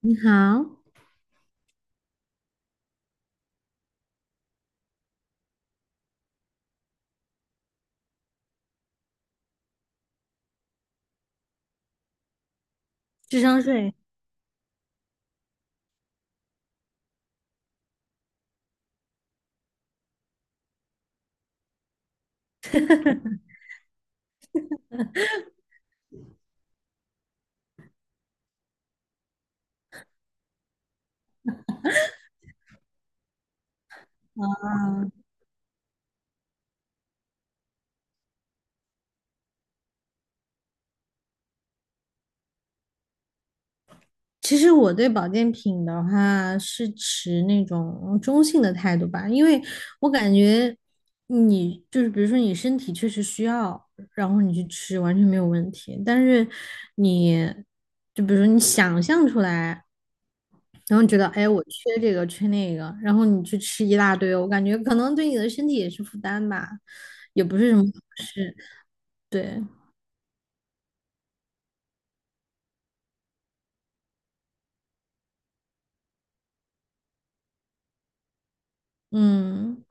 你好，智商税啊，其实我对保健品的话是持那种中性的态度吧，因为我感觉你就是比如说你身体确实需要，然后你去吃完全没有问题，但是你就比如说你想象出来，然后你觉得哎我缺这个缺那个，然后你去吃一大堆，我感觉可能对你的身体也是负担吧，也不是什么好事，对。嗯，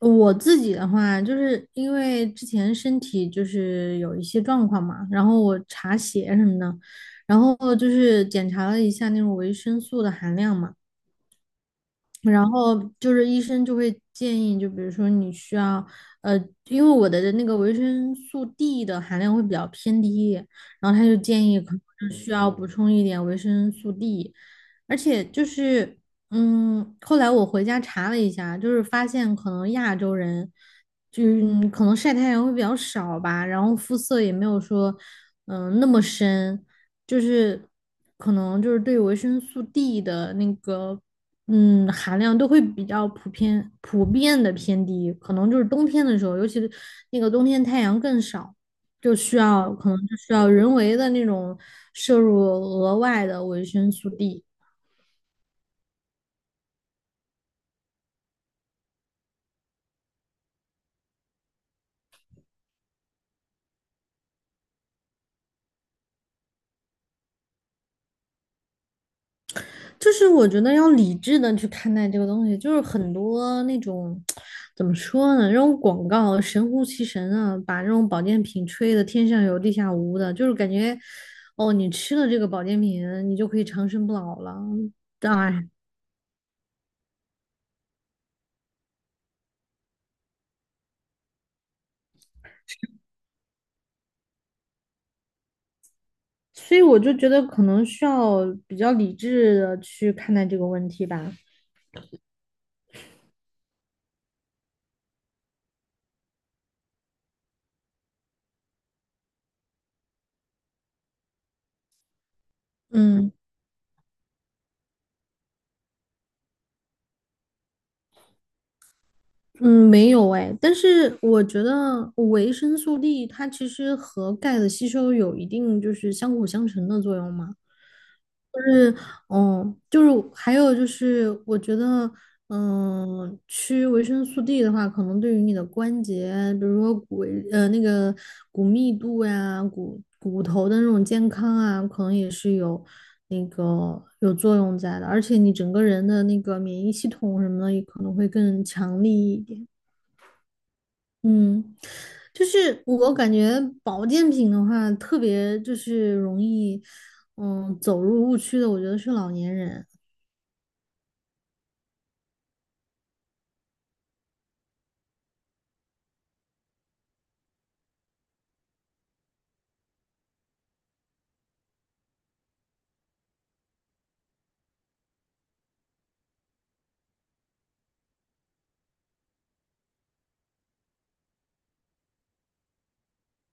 我自己的话，就是因为之前身体就是有一些状况嘛，然后我查血什么的，然后就是检查了一下那种维生素的含量嘛，然后就是医生就会建议，就比如说你需要，呃，因为我的那个维生素 D 的含量会比较偏低，然后他就建议可能是需要补充一点维生素 D。而且就是，后来我回家查了一下，就是发现可能亚洲人，就是可能晒太阳会比较少吧，然后肤色也没有说，那么深，就是可能就是对维生素 D 的那个，含量都会比较普遍的偏低，可能就是冬天的时候，尤其是那个冬天太阳更少。就需要可能就需要人为的那种摄入额外的维生素 D。就是我觉得要理智的去看待这个东西，就是很多那种怎么说呢，这种广告神乎其神啊，把这种保健品吹的天上有地下无的，就是感觉哦，你吃了这个保健品，你就可以长生不老了，哎，所以我就觉得可能需要比较理智的去看待这个问题吧，嗯。嗯，没有哎，但是我觉得维生素 D 它其实和钙的吸收有一定就是相辅相成的作用嘛。就是。哦，就是还有就是，我觉得，吃维生素 D 的话，可能对于你的关节，比如说那个骨密度呀、骨头的那种健康啊，可能也是有那个有作用在的。而且你整个人的那个免疫系统什么的，也可能会更强力一点。嗯，就是我感觉保健品的话，特别就是容易，走入误区的，我觉得是老年人。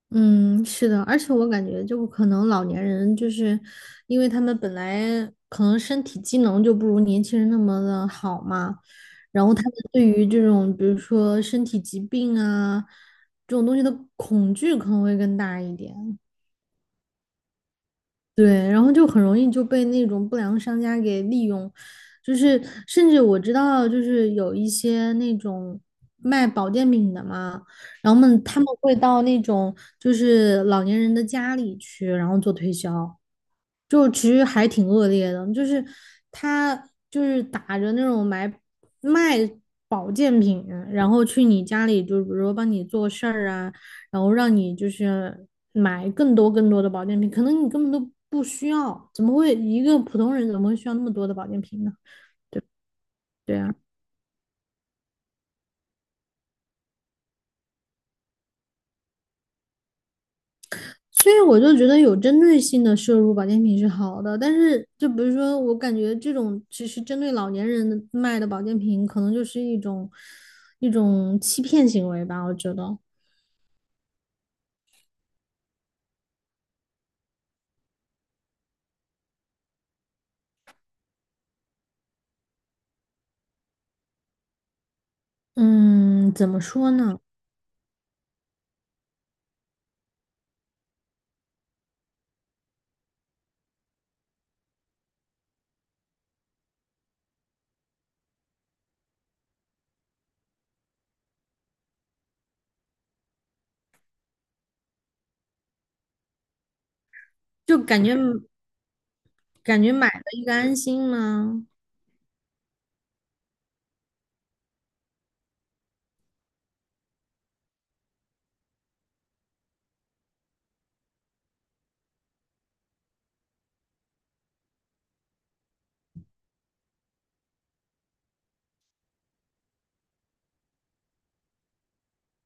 嗯，是的，而且我感觉就可能老年人就是，因为他们本来可能身体机能就不如年轻人那么的好嘛，然后他们对于这种比如说身体疾病啊这种东西的恐惧可能会更大一点，对，然后就很容易就被那种不良商家给利用，就是甚至我知道，就是有一些那种卖保健品的嘛，然后他们会到那种就是老年人的家里去，然后做推销，就其实还挺恶劣的，就是他就是打着那种卖保健品，然后去你家里，就比如说帮你做事儿啊。然后让你就是买更多更多的保健品，可能你根本都不需要，怎么会一个普通人怎么会需要那么多的保健品呢？对啊，所以我就觉得有针对性的摄入保健品是好的，但是就比如说我感觉这种其实针对老年人卖的保健品，可能就是一种欺骗行为吧，我觉得。嗯，怎么说呢？就感觉买了一个安心嘛。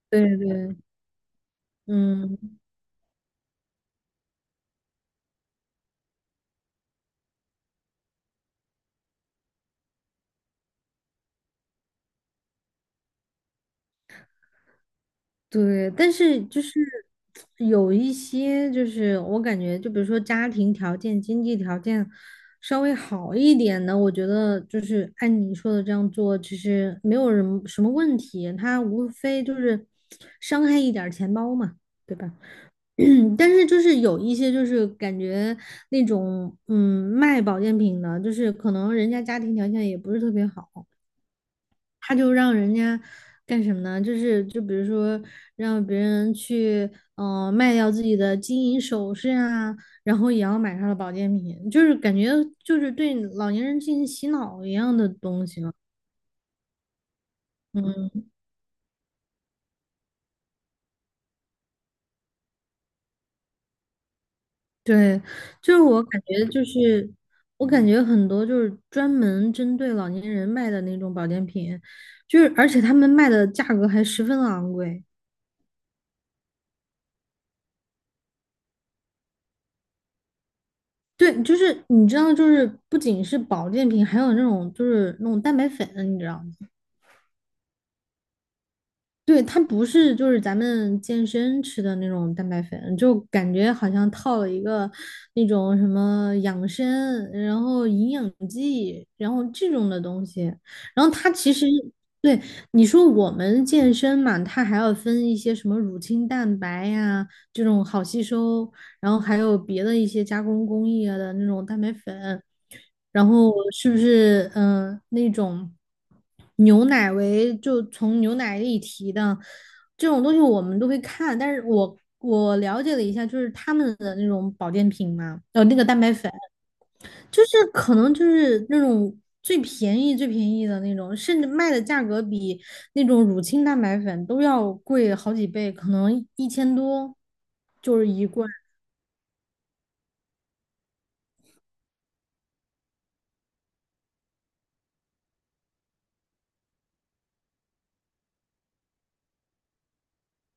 对对，嗯。对，但是就是有一些，就是我感觉，就比如说家庭条件、经济条件稍微好一点的，我觉得就是按你说的这样做，其实没有人什么问题，他无非就是伤害一点儿钱包嘛，对吧？但是就是有一些就是感觉那种卖保健品的，就是可能人家家庭条件也不是特别好。他就让人家干什么呢？就是就比如说让别人去卖掉自己的金银首饰啊，然后也要买他的保健品，就是感觉就是对老年人进行洗脑一样的东西了。嗯，对，就是我感觉很多就是专门针对老年人卖的那种保健品，就是而且他们卖的价格还十分昂贵。对，就是你知道，就是不仅是保健品，还有那种就是那种蛋白粉啊，你知道吗？对，它不是就是咱们健身吃的那种蛋白粉，就感觉好像套了一个那种什么养生，然后营养剂，然后这种的东西。然后它其实对你说我们健身嘛，它还要分一些什么乳清蛋白呀、这种好吸收，然后还有别的一些加工工艺啊的那种蛋白粉，然后是不是那种牛奶为就从牛奶里提的这种东西我们都会看，但是我了解了一下，就是他们的那种保健品嘛，那个蛋白粉，就是可能就是那种。最便宜、最便宜的那种，甚至卖的价格比那种乳清蛋白粉都要贵好几倍，可能1000多就是一罐。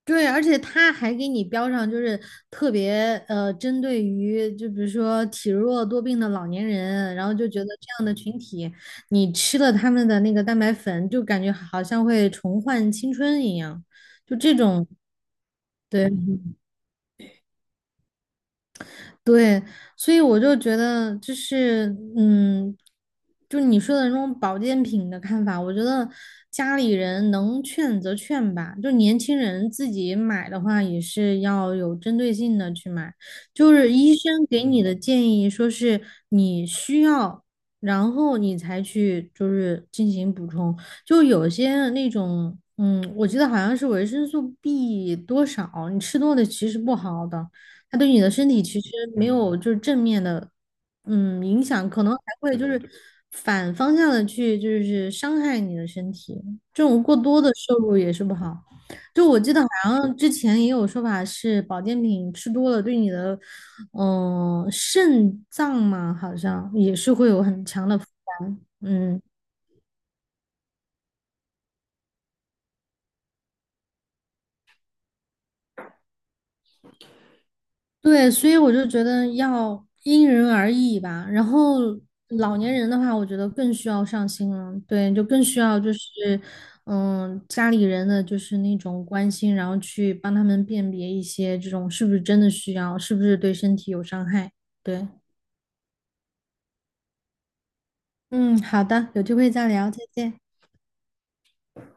对，而且他还给你标上，就是特别针对于就比如说体弱多病的老年人，然后就觉得这样的群体，你吃了他们的那个蛋白粉，就感觉好像会重焕青春一样，就这种，对，对，所以我就觉得，就是，嗯，就你说的那种保健品的看法，我觉得家里人能劝则劝吧，就年轻人自己买的话，也是要有针对性的去买。就是医生给你的建议，说是你需要，然后你才去就是进行补充。就有些那种，嗯，我记得好像是维生素 B 多少，你吃多了其实不好的。它对你的身体其实没有就是正面的，影响，可能还会就是反方向的去就是伤害你的身体，这种过多的摄入也是不好。就我记得好像之前也有说法是保健品吃多了对你的，肾脏嘛，好像也是会有很强的负担。嗯。对，所以我就觉得要因人而异吧。然后老年人的话，我觉得更需要上心了，对，就更需要就是，家里人的就是那种关心，然后去帮他们辨别一些这种是不是真的需要，是不是对身体有伤害。对，嗯，好的，有机会再聊，再见。